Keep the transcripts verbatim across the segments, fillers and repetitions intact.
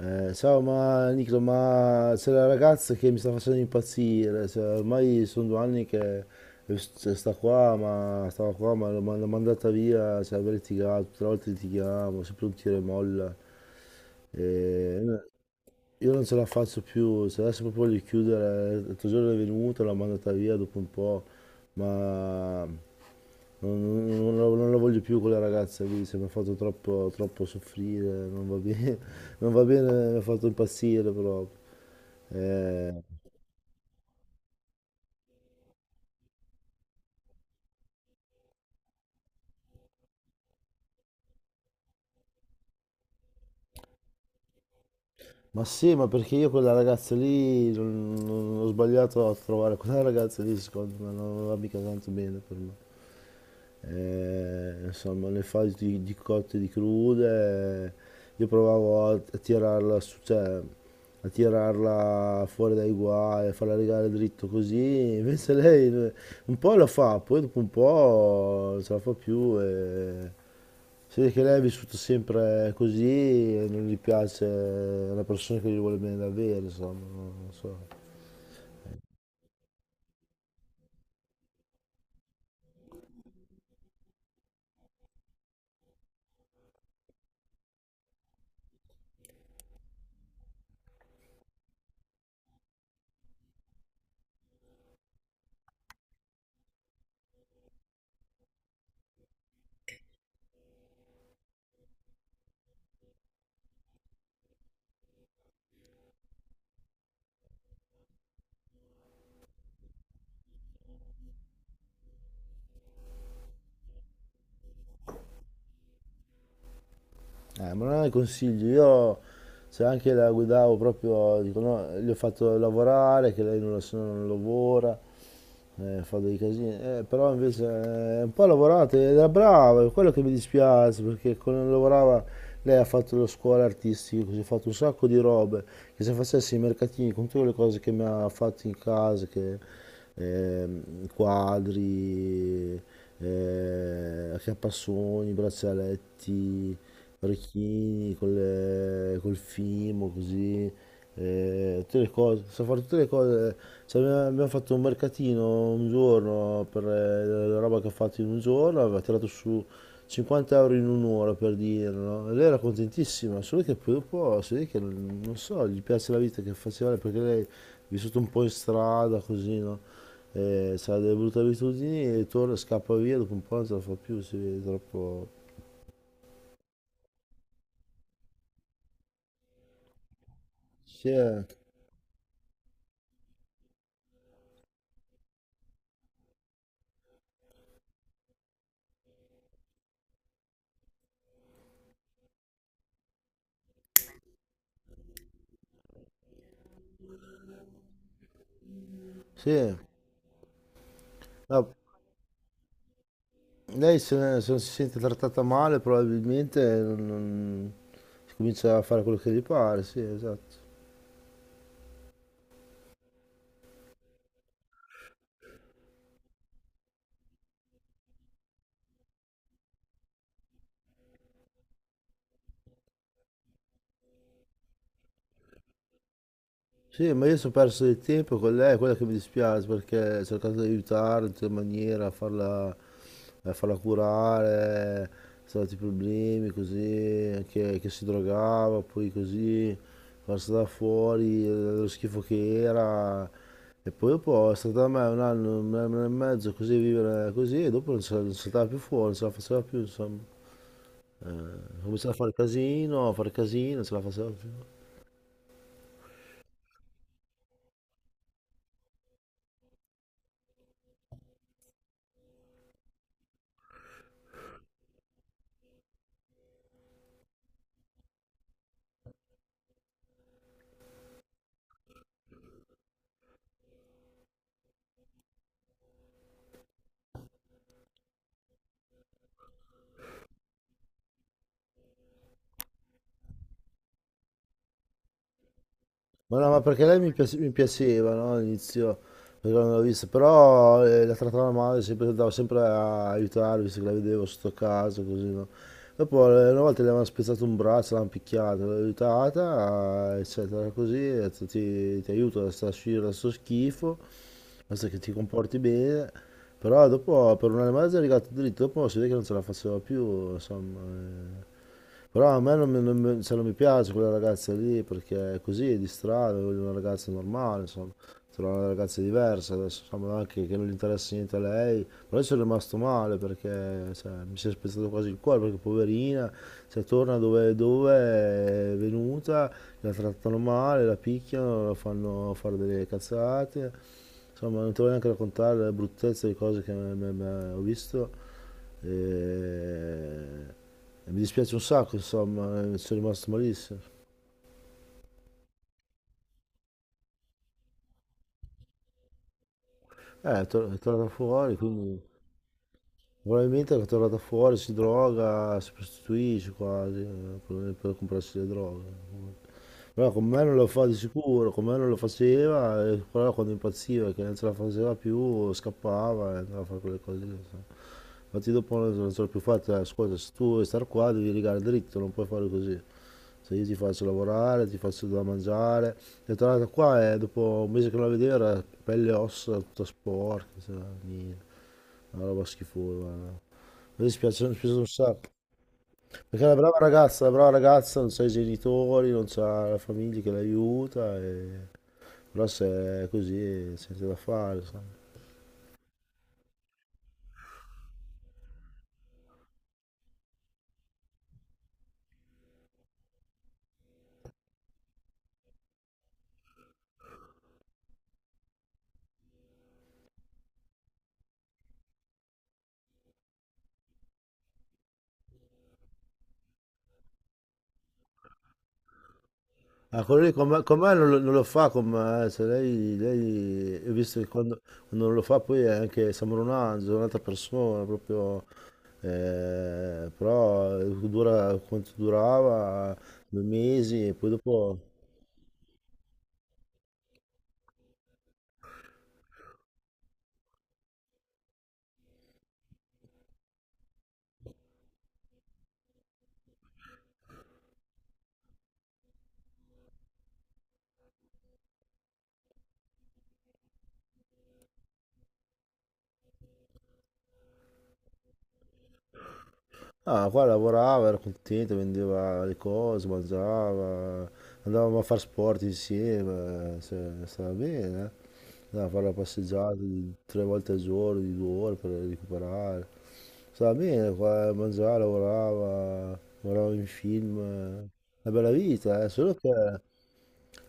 Eh, ciao, ma Nicola, ma c'è la ragazza che mi sta facendo impazzire, cioè, ormai sono due anni che, cioè, sta qua, ma stava qua, ma l'ho man- l'ho mandata via, cioè, abbiamo litigato, tutte le volte litighiamo, sempre un tiro e molla, e no- io non ce la faccio più, cioè, adesso proprio voglio chiudere. L'altro giorno è venuta, l'ho mandata via dopo un po', ma non, non- non la non la voglio più quella ragazza lì, cioè, mi ha fatto troppo, troppo soffrire, non va bene, non va bene, mi ha fatto impazzire proprio. Eh, ma sì, ma perché io quella ragazza lì non, non- ho sbagliato a trovare quella ragazza lì, secondo me non va mica tanto bene per me. Eh, insomma, le fasi di, di cotte e di crude, eh, io provavo a, a tirarla su, cioè, a tirarla fuori dai guai, a farla rigare dritto così. Invece lei, eh, un po' la fa, poi dopo un po' non ce la fa più. E si vede che lei ha vissuto sempre così e non gli piace, è una persona che gli vuole bene davvero, insomma, non so. Eh, ma non è consiglio, io se anche la guidavo proprio, dico, no, gli ho fatto lavorare, che lei non, la- se no non lavora, eh, fa dei casini. Eh, però invece, eh, un po' ha lavorato, ed era brava, è quello che mi dispiace, perché quando lavorava lei ha fatto le scuole artistiche, così, ha fatto un sacco di robe, che se facessi i mercatini con tutte le cose che mi ha fatto in casa, che, ehm, quadri, eh, acchiappasogni, braccialetti orecchini, col, eh, col fimo, così, eh, tutte le cose, so fare tutte le cose. Cioè, abbiamo abbiamo fatto un mercatino un giorno per, eh, la roba che ha fatto in un giorno, aveva tirato su cinquanta euro in un'ora per dirlo, no? E lei era contentissima, solo che poi dopo si vede che non non so, gli piace la vita che faceva lei, perché lei è vissuta un po' in strada, così, no? Eh, ha delle brutte abitudini e torna, scappa via, dopo un po' non ce la fa più, si vede troppo. Sì, eh. Sì. No, lei se, se non si sente trattata male probabilmente non, non- si comincia a fare quello che gli pare, sì, esatto. Sì, ma io sono perso del tempo con lei, è quello che mi dispiace perché ho cercato di aiutarla in tutte le maniere, a farla, a farla curare, sono stati problemi così, anche che si drogava, poi così, quando è stata fuori, eh, lo schifo che era. Eppure può, è stata a me un anno, un anno e mezzo così, vivere così, e dopo non se la non saltava più fuori, non se la faceva più, insomma. Cominciava a fare casino, a fare casino, non se la faceva più. Ma no, ma perché lei mi, piace- mi piaceva, no, all'inizio, perché non l'ho vista, però, eh, la trattava male, sempre, andavo sempre a aiutarla, visto che la vedevo sotto casa, così, no. Dopo, eh, una volta le avevano spezzato un braccio, l'hanno picchiata, l'ho aiutata, eh, eccetera, così, e ho detto, ti, ti aiuto a sta- a uscire da sto schifo, basta che ti comporti bene. Però dopo, per un anno e mezzo è arrivato dritto, dopo si vede che non ce la faceva più, insomma... eh. Però a me non, mi- non mi- cioè, non mi piace quella ragazza lì perché è così, è di strada. Voglio una ragazza normale, insomma, trovare una ragazza diversa, adesso insomma anche che non gli interessa niente a lei. Però io sono rimasto male perché, cioè, mi si è spezzato quasi il cuore perché poverina, cioè, torna dove, dove è venuta, la trattano male, la picchiano, la fanno fare delle cazzate, insomma non ti voglio neanche raccontare la bruttezza di cose che me- me- me- ho visto. E... E mi dispiace un sacco, insomma, eh, sono rimasto malissimo. Eh, è, tor- è tornata fuori, quindi probabilmente è tornata fuori, si droga, si prostituisce quasi, eh, per, per comprarsi le droghe. Però con me non lo fa di sicuro, con me non lo faceva, e però quando impazziva, che non ce la faceva più, scappava e andava a fare quelle cose lì, insomma. Infatti dopo non so, non ce l'ho più fatta, ascolta, se tu vuoi star qua devi rigare dritto, non puoi fare così. Se io ti faccio lavorare, ti faccio da mangiare. È tornata qua e dopo un mese che non la vedevo era pelle e ossa, tutta sporca, cioè, niente, una roba schifosa, guarda. Mi dispiace, mi dispiace un sacco. Perché è una brava ragazza, una brava ragazza non sa i genitori, non sa la famiglia che l'aiuta, e... però se è così sente da fare, sai. Ah, quello lì con me, con me non, lo non lo fa con me, eh, cioè lei, lei, ho visto che quando, quando non lo fa poi è anche, sembra un angelo, è un'altra persona proprio, eh, però dura quanto durava, due mesi e poi dopo. Ah, qua lavorava, era contento, vendeva le cose, mangiava, andavamo a fare sport insieme, cioè, stava bene, eh. Andavamo a fare la passeggiata di- tre volte al giorno, di due ore per recuperare. Stava bene, qua mangiava, lavorava, guardava in film, eh. Una bella vita, eh. Solo che,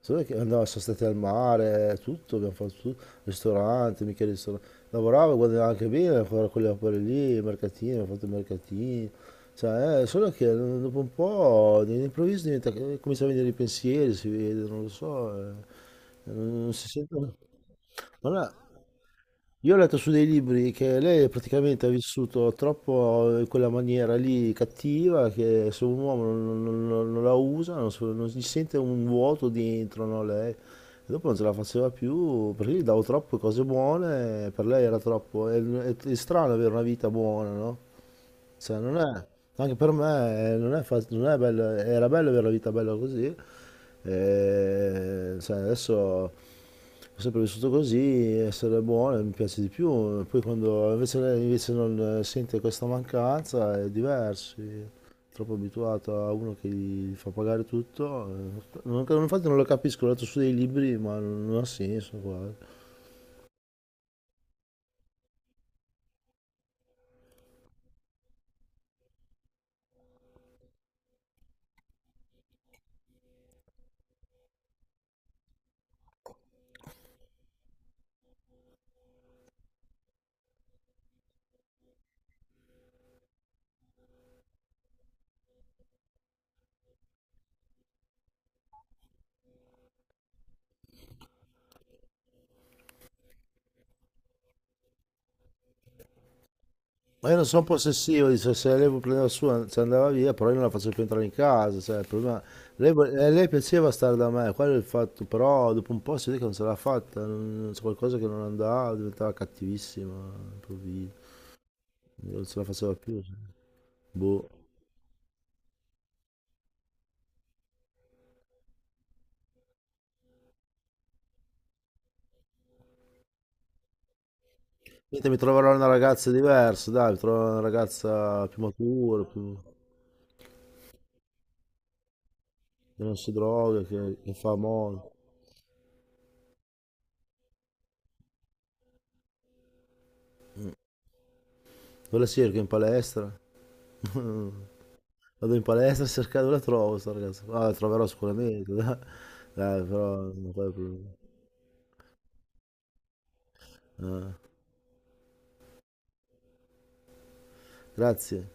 solo che andavamo, sono stati al mare, tutto, abbiamo fatto tutto, ristorante, mica ristorante, lavorava, guadagnava anche bene a fare quelle opere lì, i mercatini, ho fatto i mercatini. Cioè, eh, solo che dopo un po' all'improvviso diventa, eh, comincia a venire i pensieri, si vede, non lo so, eh, non si sentono. Ma no, io ho letto su dei libri che lei praticamente ha vissuto troppo in quella maniera lì cattiva che se un uomo non, non- non- non la usa, non, so- non si sente un vuoto dentro, no, lei. E dopo non ce la faceva più perché gli davo troppe cose buone, per lei era troppo. È, è- è strano avere una vita buona, no? Cioè, non è, anche per me, eh, non è, fa- non è bello, era bello avere la vita bella così, e, cioè, adesso ho sempre vissuto così, essere buono mi piace di più. E poi quando invece lei invece non, eh, sente questa mancanza è diverso, è troppo abituato a uno che gli fa pagare tutto, eh, non- infatti non lo capisco, ho letto su dei libri ma non, non ha senso qua. Ma io non sono possessivo, dice, se lei vuole prendere la sua, se andava via, però io non la faccio più entrare in casa, cioè, il problema- Lei, vo- eh, lei piaceva stare da me, quello è il fatto, però dopo un po' si vede che non ce l'ha fatta, non- non- c'è qualcosa che non andava, diventava cattivissima, improvviso, non ce la faceva più, cioè. Boh. Niente, mi troverò una ragazza diversa, dai, mi troverò una ragazza più matura, più- che non si droga, che, che fa moda. Quella sì, che è in palestra. Vado in palestra a cercare dove la trovo sta ragazza. Ah, la troverò sicuramente, dai. Dai, però non fai problemi. Ah, grazie.